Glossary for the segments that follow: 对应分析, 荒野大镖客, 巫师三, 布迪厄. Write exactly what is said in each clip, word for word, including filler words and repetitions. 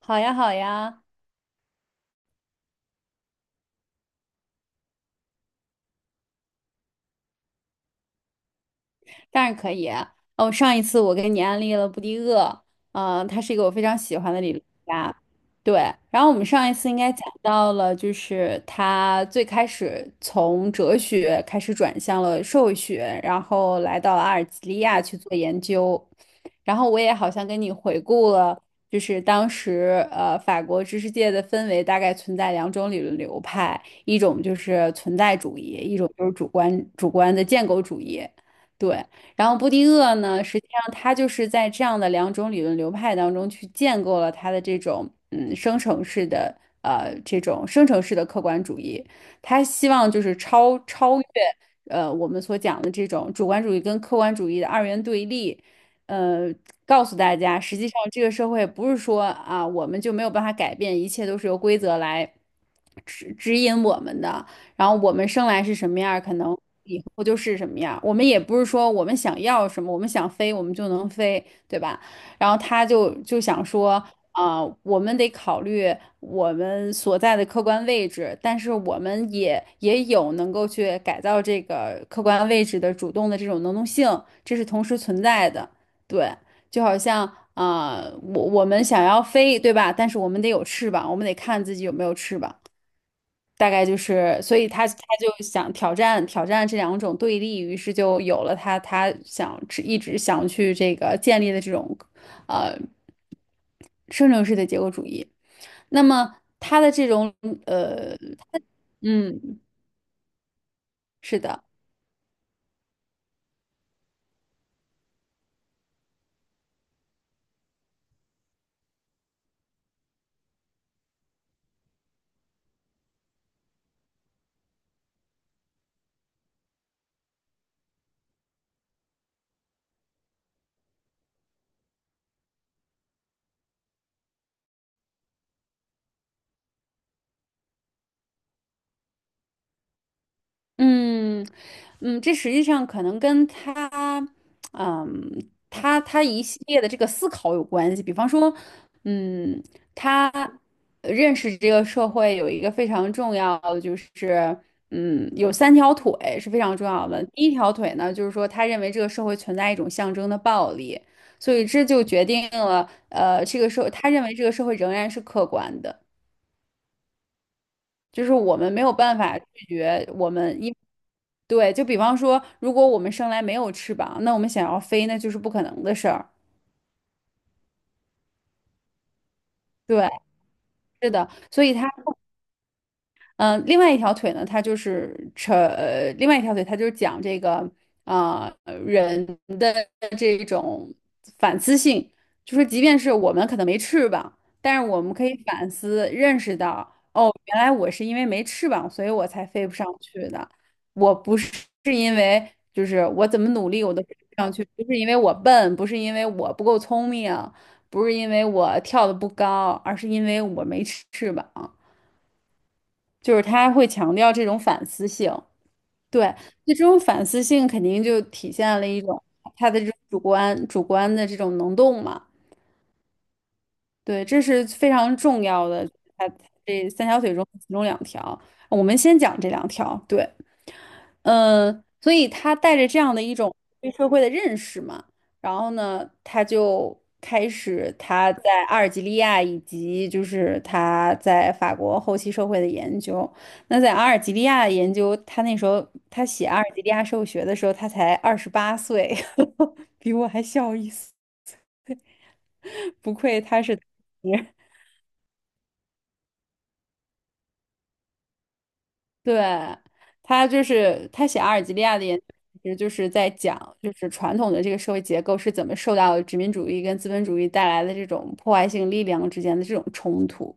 好呀，好呀，当然可以。哦，上一次我给你安利了布迪厄，嗯、他是一个我非常喜欢的理论家。对，然后我们上一次应该讲到了，就是他最开始从哲学开始转向了社会学，然后来到了阿尔及利亚去做研究。然后我也好像跟你回顾了，就是当时呃法国知识界的氛围大概存在两种理论流派，一种就是存在主义，一种就是主观主观的建构主义。对，然后布迪厄呢，实际上他就是在这样的两种理论流派当中去建构了他的这种嗯生成式的呃这种生成式的客观主义。他希望就是超超越呃我们所讲的这种主观主义跟客观主义的二元对立，呃，告诉大家，实际上这个社会不是说啊我们就没有办法改变，一切都是由规则来指指引我们的。然后我们生来是什么样儿，可能后就是什么样。我们也不是说我们想要什么，我们想飞我们就能飞，对吧？然后他就就想说，啊、我们得考虑我们所在的客观位置，但是我们也也有能够去改造这个客观位置的主动的这种能动性，这是同时存在的。对，就好像啊、我我们想要飞，对吧？但是我们得有翅膀，我们得看自己有没有翅膀。大概就是，所以他他就想挑战挑战这两种对立，于是就有了他他想一直想去这个建立的这种，呃，生成式的结构主义。那么他的这种呃，嗯，是的。嗯嗯。这实际上可能跟他，嗯，他他一系列的这个思考有关系。比方说，嗯，他呃认识这个社会有一个非常重要的，就是嗯，有三条腿是非常重要的。第一条腿呢，就是说他认为这个社会存在一种象征的暴力，所以这就决定了，呃，这个社他认为这个社会仍然是客观的。就是我们没有办法拒绝我们一，对，就比方说，如果我们生来没有翅膀，那我们想要飞，那就是不可能的事儿。对，是的，所以它呃，另外一条腿呢，它就是扯，呃另外一条腿它就是讲这个啊、呃人的这种反思性，就是即便是我们可能没翅膀，但是我们可以反思认识到，哦，原来我是因为没翅膀，所以我才飞不上去的，我不是是因为就是我怎么努力我都飞不上去，不是因为我笨，不是因为我不够聪明，不是因为我跳的不高，而是因为我没翅膀。就是他会强调这种反思性，对，那这种反思性肯定就体现了一种他的这种主观主观的这种能动嘛，对，这是非常重要的。他这三条腿中其中两条，我们先讲这两条，对，嗯，所以他带着这样的一种对社会的认识嘛，然后呢，他就开始他在阿尔及利亚以及就是他在法国后期社会的研究。那在阿尔及利亚的研究，他那时候他写阿尔及利亚社会学的时候，他才二十八岁，比我还小一岁，不愧他是。对，他就是他写阿尔及利亚的研究，其实就是在讲，就是传统的这个社会结构是怎么受到殖民主义跟资本主义带来的这种破坏性力量之间的这种冲突。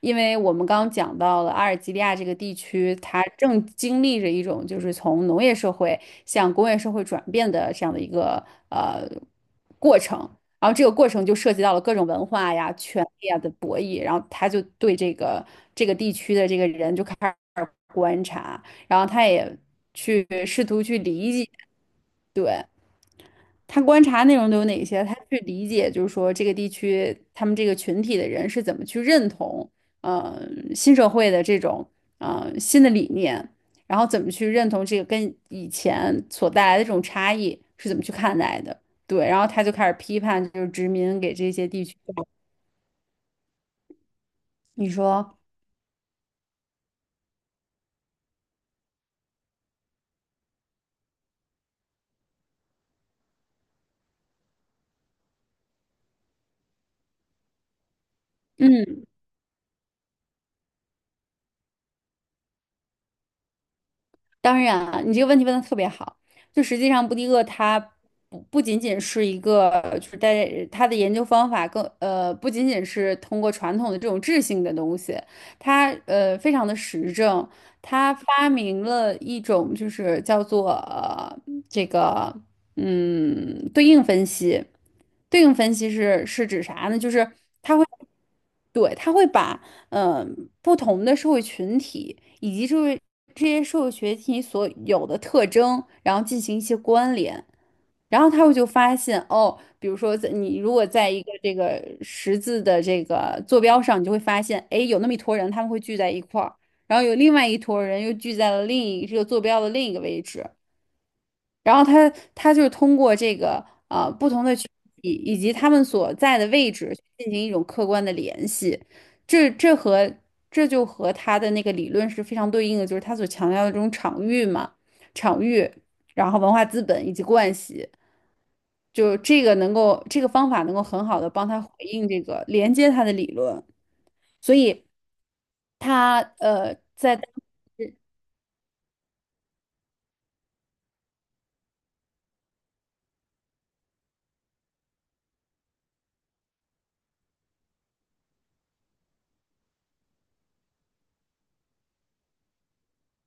因为我们刚刚讲到了阿尔及利亚这个地区，它正经历着一种就是从农业社会向工业社会转变的这样的一个呃过程。然后这个过程就涉及到了各种文化呀、权力啊的博弈，然后他就对这个这个地区的这个人就开始观察，然后他也去试图去理解，对，他观察内容都有哪些，他去理解，就是说这个地区他们这个群体的人是怎么去认同嗯、新社会的这种嗯、新的理念，然后怎么去认同这个跟以前所带来的这种差异是怎么去看待的，对，然后他就开始批判，就是殖民给这些地区，你说。嗯当然啊，你这个问题问的特别好。就实际上，布迪厄他不不仅仅是一个，就是在他的研究方法更呃，不仅仅是通过传统的这种质性的东西，他呃非常的实证，他发明了一种就是叫做呃这个嗯对应分析。对应分析是是指啥呢？就是对，他会把嗯、呃不同的社会群体以及就是这些社会群体所有的特征，然后进行一些关联，然后他会就发现哦，比如说在你如果在一个这个十字的这个坐标上，你就会发现，哎，有那么一坨人他们会聚在一块儿，然后有另外一坨人又聚在了另一这个坐标的另一个位置，然后他他就是通过这个啊不同的群体以及他们所在的位置进行一种客观的联系，这这和这就和他的那个理论是非常对应的，就是他所强调的这种场域嘛，场域，然后文化资本以及惯习，就这个能够这个方法能够很好的帮他回应这个连接他的理论，所以他呃在。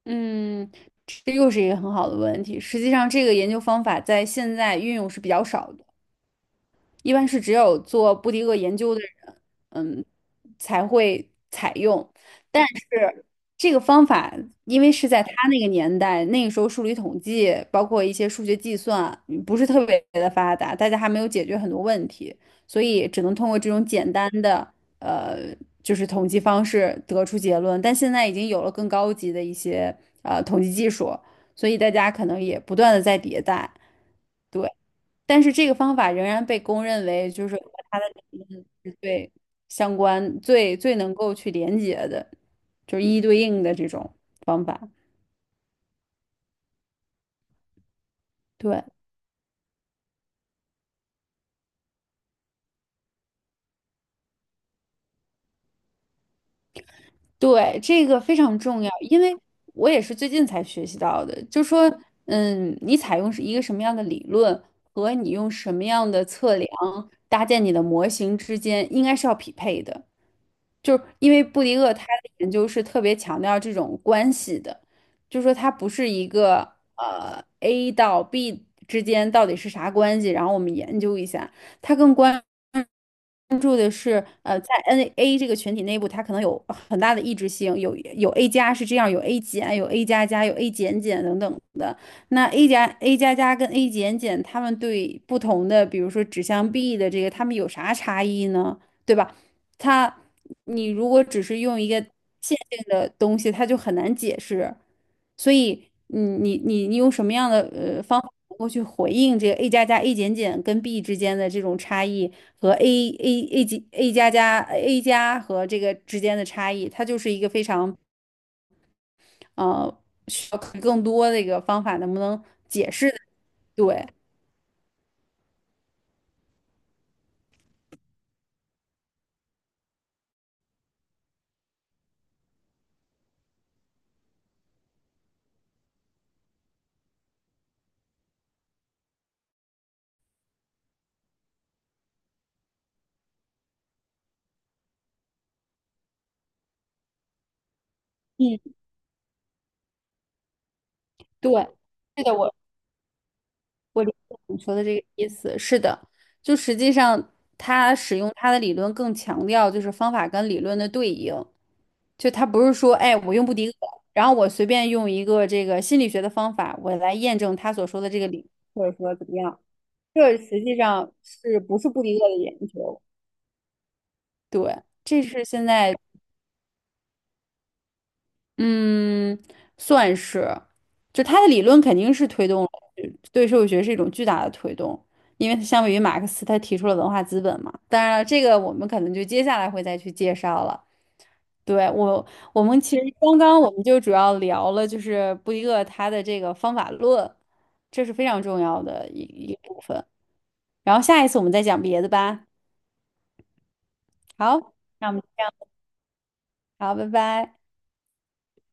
嗯，这又是一个很好的问题。实际上，这个研究方法在现在运用是比较少的。一般是只有做布迪厄研究的人，嗯，才会采用。但是这个方法，因为是在他那个年代，那个时候数理统计，包括一些数学计算，嗯不是特别的发达，大家还没有解决很多问题，所以只能通过这种简单的，呃，就是统计方式得出结论。但现在已经有了更高级的一些呃统计技术，所以大家可能也不断的在迭代。对。但是这个方法仍然被公认为就是和他的理论是最相关、最最能够去连接的，就是一对应的这种方法。对，对，这个非常重要，因为我也是最近才学习到的，就说，嗯，你采用是一个什么样的理论和你用什么样的测量搭建你的模型之间，应该是要匹配的。就是因为布迪厄他的研究是特别强调这种关系的，就是说它不是一个呃 A 到 B 之间到底是啥关系，然后我们研究一下，它更关。关注的是，呃，在 N A 这个群体内部，它可能有很大的异质性，有有 A 加是这样，有 A 减，有 A 加加，有 A 减减等等的。那 A 加 A 加加跟 A 减减，他们对不同的，比如说指向 B 的这个，他们有啥差异呢？对吧？它，你如果只是用一个线性的东西，它就很难解释。所以你你你你用什么样的呃方法能够去回应这个 A 加加 A 减减跟 B 之间的这种差异？和 A A A 级 A 加加 A 加和这个之间的差异，它就是一个非常呃需要考虑更多的一个方法，能不能解释的对，嗯，对，是的，我我理解你说的这个意思，是的，就实际上它使用它的理论更强调就是方法跟理论的对应，就它不是说哎我用布迪厄，然后我随便用一个这个心理学的方法，我来验证他所说的这个理，或者说怎么样。这实际上是不是布迪厄的研究？对，这是现在，嗯，算是，就他的理论肯定是推动了对社会学是一种巨大的推动，因为相比于马克思，他提出了文化资本嘛。当然了，这个我们可能就接下来会再去介绍了。对，我，我们其实刚刚我们就主要聊了，就是布迪厄他的这个方法论，这是非常重要的一一部分。然后下一次我们再讲别的吧。好，那我们。这样。好，拜拜。